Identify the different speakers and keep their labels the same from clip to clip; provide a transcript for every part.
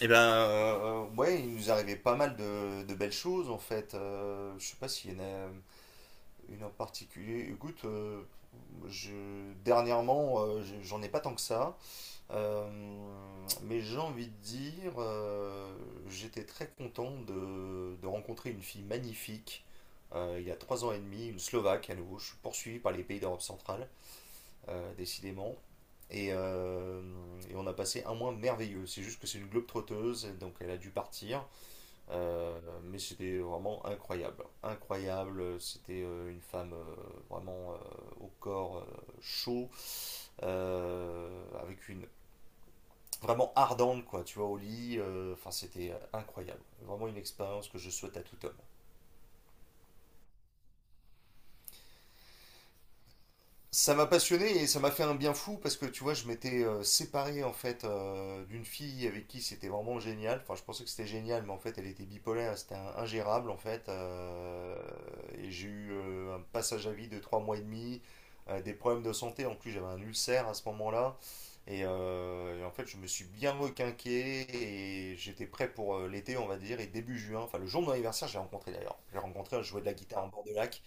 Speaker 1: Eh ben, ouais, il nous arrivait pas mal de belles choses en fait. Je sais pas s'il y en a une en particulier. Écoute, dernièrement, j'en ai pas tant que ça. Euh, mais j'ai envie de dire, j'étais très content de rencontrer une fille magnifique, il y a 3 ans et demi, une Slovaque à nouveau. Je suis poursuivi par les pays d'Europe centrale, décidément. Et, euh, et on a passé un mois merveilleux. C'est juste que c'est une globe trotteuse, donc elle a dû partir. Euh, mais c'était vraiment incroyable. Incroyable. C'était une femme vraiment au corps chaud, avec une vraiment ardente, quoi, tu vois, au lit. Enfin, c'était incroyable. Vraiment une expérience que je souhaite à tout homme. Ça m'a passionné et ça m'a fait un bien fou parce que tu vois, je m'étais séparé en fait d'une fille avec qui c'était vraiment génial. Enfin, je pensais que c'était génial, mais en fait, elle était bipolaire, c'était ingérable en fait. Et j'ai eu un passage à vide de 3 mois et demi, des problèmes de santé. En plus, j'avais un ulcère à ce moment-là. Et en fait, je me suis bien requinqué et j'étais prêt pour l'été, on va dire. Et début juin, enfin, le jour de mon anniversaire, j'ai rencontré d'ailleurs. J'ai rencontré, je jouais de la guitare en bord de lac.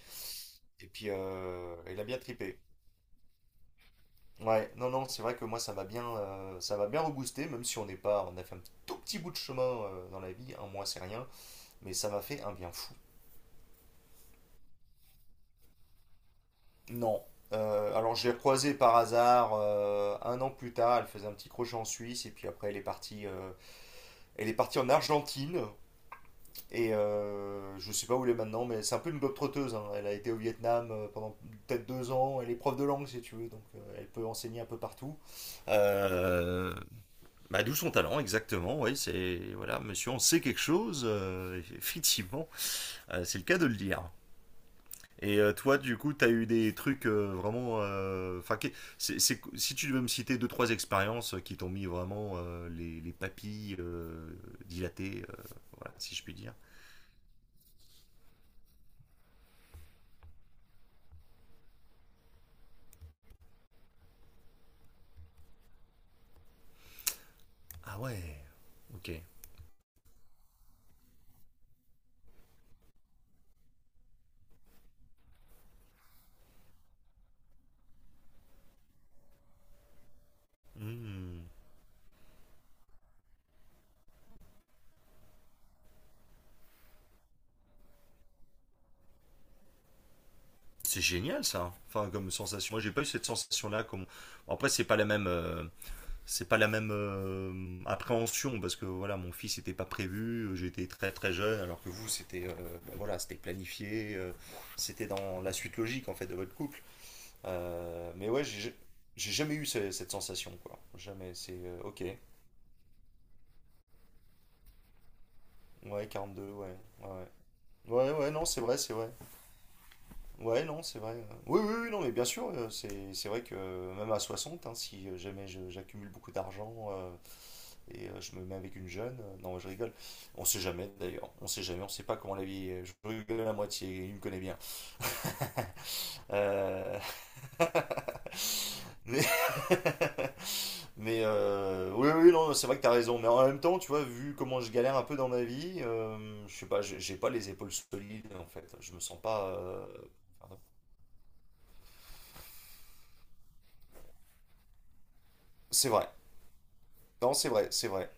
Speaker 1: Et puis, il a bien trippé. Ouais, non, non, c'est vrai que moi ça va bien reboosté, même si on n'est pas, on a fait un tout petit bout de chemin dans la vie, un mois c'est rien, mais ça m'a fait un bien fou. Non. Alors je l'ai recroisée par hasard un an plus tard, elle faisait un petit crochet en Suisse et puis après elle est partie en Argentine je sais pas où elle est maintenant, mais c'est un peu une globe-trotteuse, hein. Elle a été au Vietnam pendant peut-être 2 ans, elle est prof de langue si tu veux, donc elle peut enseigner un peu partout. Euh, Bah, d'où son talent, exactement. Oui, c'est voilà, monsieur, on sait quelque chose, effectivement. C'est le cas de le dire. Et toi, du coup, t'as eu des trucs vraiment. Enfin, si tu devais me citer deux trois expériences qui t'ont mis vraiment les papilles dilatées, voilà, si je puis dire. Ah ouais. Ok. Hmm. C'est génial ça. Enfin, comme sensation. Moi, j'ai pas eu cette sensation-là. Comme... Bon, après, c'est pas la même. C'est pas la même appréhension parce que voilà, mon fils n'était pas prévu, j'étais très très jeune, alors que vous c'était ben voilà, c'était planifié c'était dans la suite logique en fait de votre couple. Mais ouais, j'ai jamais eu cette sensation, quoi, jamais. C'est ok. Ouais, 42, ouais, ouais, ouais. Ouais, ouais, non, c'est vrai, c'est vrai. Ouais, non, c'est vrai. Oui, oui, oui, non, mais bien sûr, c'est vrai que même à 60, hein, si jamais j'accumule beaucoup d'argent , et je me mets avec une jeune. Non, je rigole. On sait jamais d'ailleurs. On sait jamais. On sait pas comment la vie est. Je rigole à moitié. Il me connaît bien. Euh, Mais, mais, oui, oui, non, c'est vrai que t'as raison. Mais en même temps, tu vois, vu comment je galère un peu dans ma vie, je sais pas, j'ai pas les épaules solides en fait. Je me sens pas, pardon. C'est vrai. Non, c'est vrai, c'est vrai.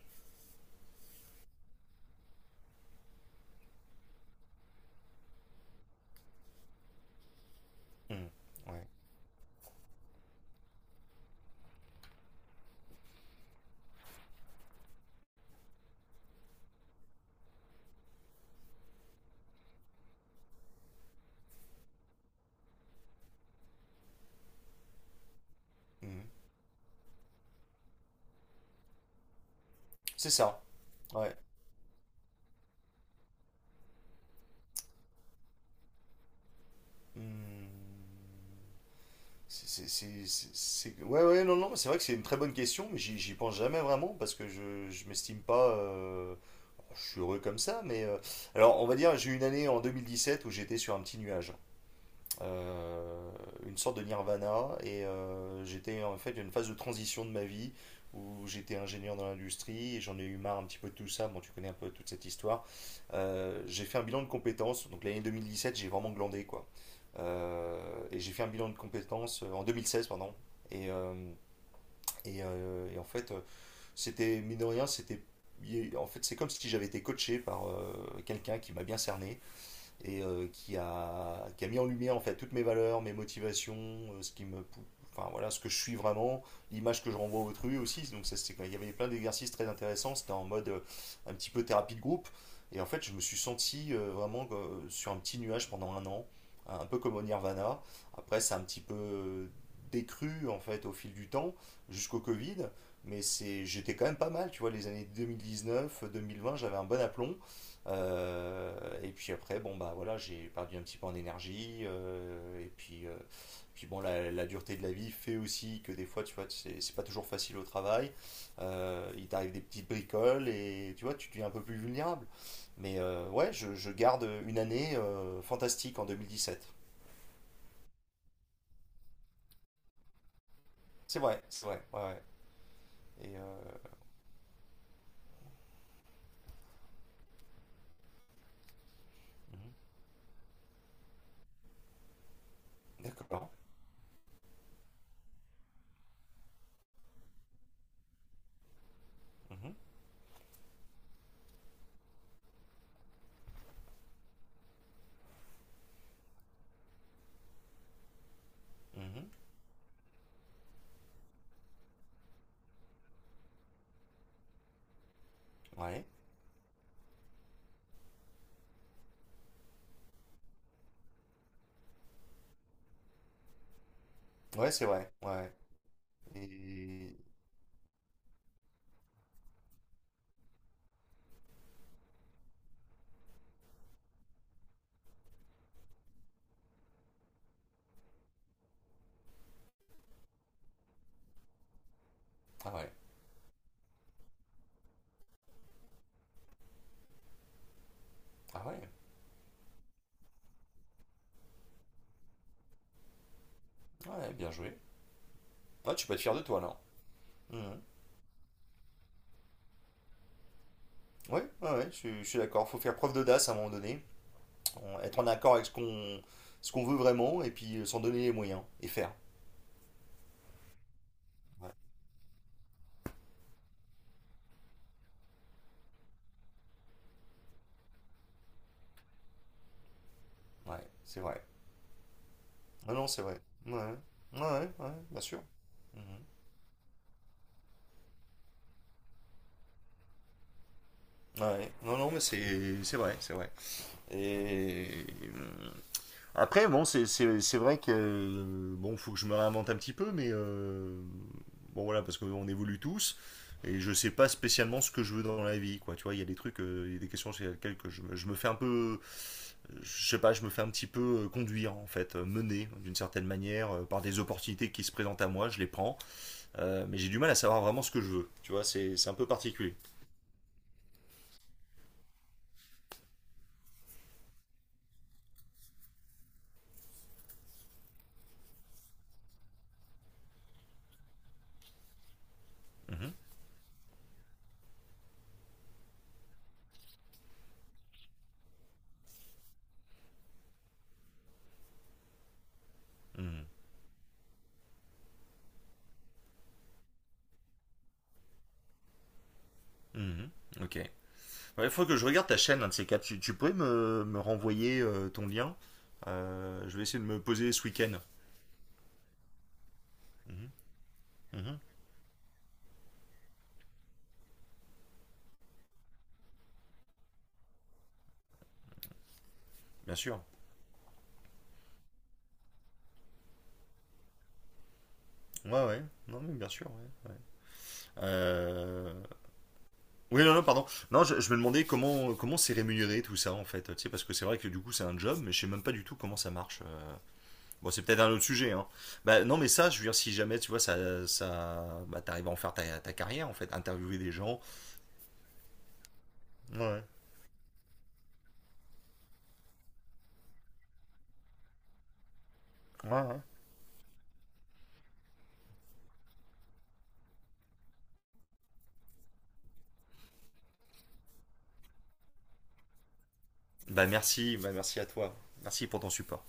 Speaker 1: Hmm. Ouais. Hmm. C'est ça. Ouais. Hmm. Ouais, ouais, non, non, c'est vrai que c'est une très bonne question, mais j'y pense jamais vraiment parce que je m'estime pas. Je suis heureux comme ça, mais. Alors, on va dire, j'ai eu une année en 2017 où j'étais sur un petit nuage euh, une sorte de nirvana. Et j'étais en fait une phase de transition de ma vie où j'étais ingénieur dans l'industrie et j'en ai eu marre un petit peu de tout ça. Bon, tu connais un peu toute cette histoire. J'ai fait un bilan de compétences. Donc l'année 2017, j'ai vraiment glandé quoi. Euh, et j'ai fait un bilan de compétences en 2016, pardon. Et, euh, et en fait, c'était, mine de rien, c'était. En fait, c'est comme si j'avais été coaché par quelqu'un qui m'a bien cerné et qui a mis en lumière en fait toutes mes valeurs, mes motivations, enfin voilà, ce que je suis vraiment, l'image que je renvoie à autrui aussi. Donc ça, c'était, il y avait plein d'exercices très intéressants. C'était en mode un petit peu thérapie de groupe. Et en fait, je me suis senti vraiment sur un petit nuage pendant un an, un peu comme au Nirvana. Après, c'est un petit peu décru en fait au fil du temps, jusqu'au Covid. Mais j'étais quand même pas mal, tu vois, les années 2019, 2020, j'avais un bon aplomb. Euh, et puis après, bon bah voilà, j'ai perdu un petit peu en énergie. Puis bon, la dureté de la vie fait aussi que des fois, tu vois, c'est pas toujours facile au travail. Il t'arrive des petites bricoles et tu vois, tu deviens un peu plus vulnérable. Mais ouais, je garde une année fantastique en 2017. C'est vrai, ouais, ouais. Et euh, mhm, d'accord. Mhm, mhm, ouais, ouais, c'est vrai, ouais. Et ah ouais, ah ouais, ouais, bien joué. Ouais, tu peux être fier de toi là. Oui, ouais, ouais, ouais, je suis d'accord. Faut faire preuve d'audace à un moment donné, être en accord avec ce qu'on veut vraiment et puis s'en donner les moyens et faire. Ouais, ouais, c'est vrai. Ah non, c'est vrai. Ouais, ouais, ouais, ouais, bien sûr. Mhm. Ouais, non, non, mais c'est vrai, c'est vrai. Et mmh. Après, bon, c'est vrai que bon, faut que je me réinvente un petit peu, mais bon voilà, parce qu'on évolue tous et je sais pas spécialement ce que je veux dans la vie, quoi. Tu vois, il y a des questions sur lesquelles que je me fais un peu, je sais pas, je me fais un petit peu conduire en fait, mener d'une certaine manière par des opportunités qui se présentent à moi, je les prends, mais j'ai du mal à savoir vraiment ce que je veux. Tu vois, c'est un peu particulier. Mhm, mhm, mhm, ok. Il faut que je regarde ta chaîne, un de ces quatre. Tu pourrais me renvoyer ton lien. Je vais essayer de me poser ce week-end. Mhm, mhm. Bien sûr. Ouais, ouais. Non, mais bien sûr. Ouais, ouais. Euh, Oui, non, non, pardon. Non, je me demandais comment c'est rémunéré tout ça, en fait. Tu sais, parce que c'est vrai que du coup, c'est un job, mais je sais même pas du tout comment ça marche. Bon, c'est peut-être un autre sujet, hein. Bah, non, mais ça, je veux dire, si jamais, tu vois, ça, bah, t'arrives à en faire ta carrière, en fait, interviewer des gens. Ouais. Ouais, ouais. Bah, merci à toi. Merci pour ton support.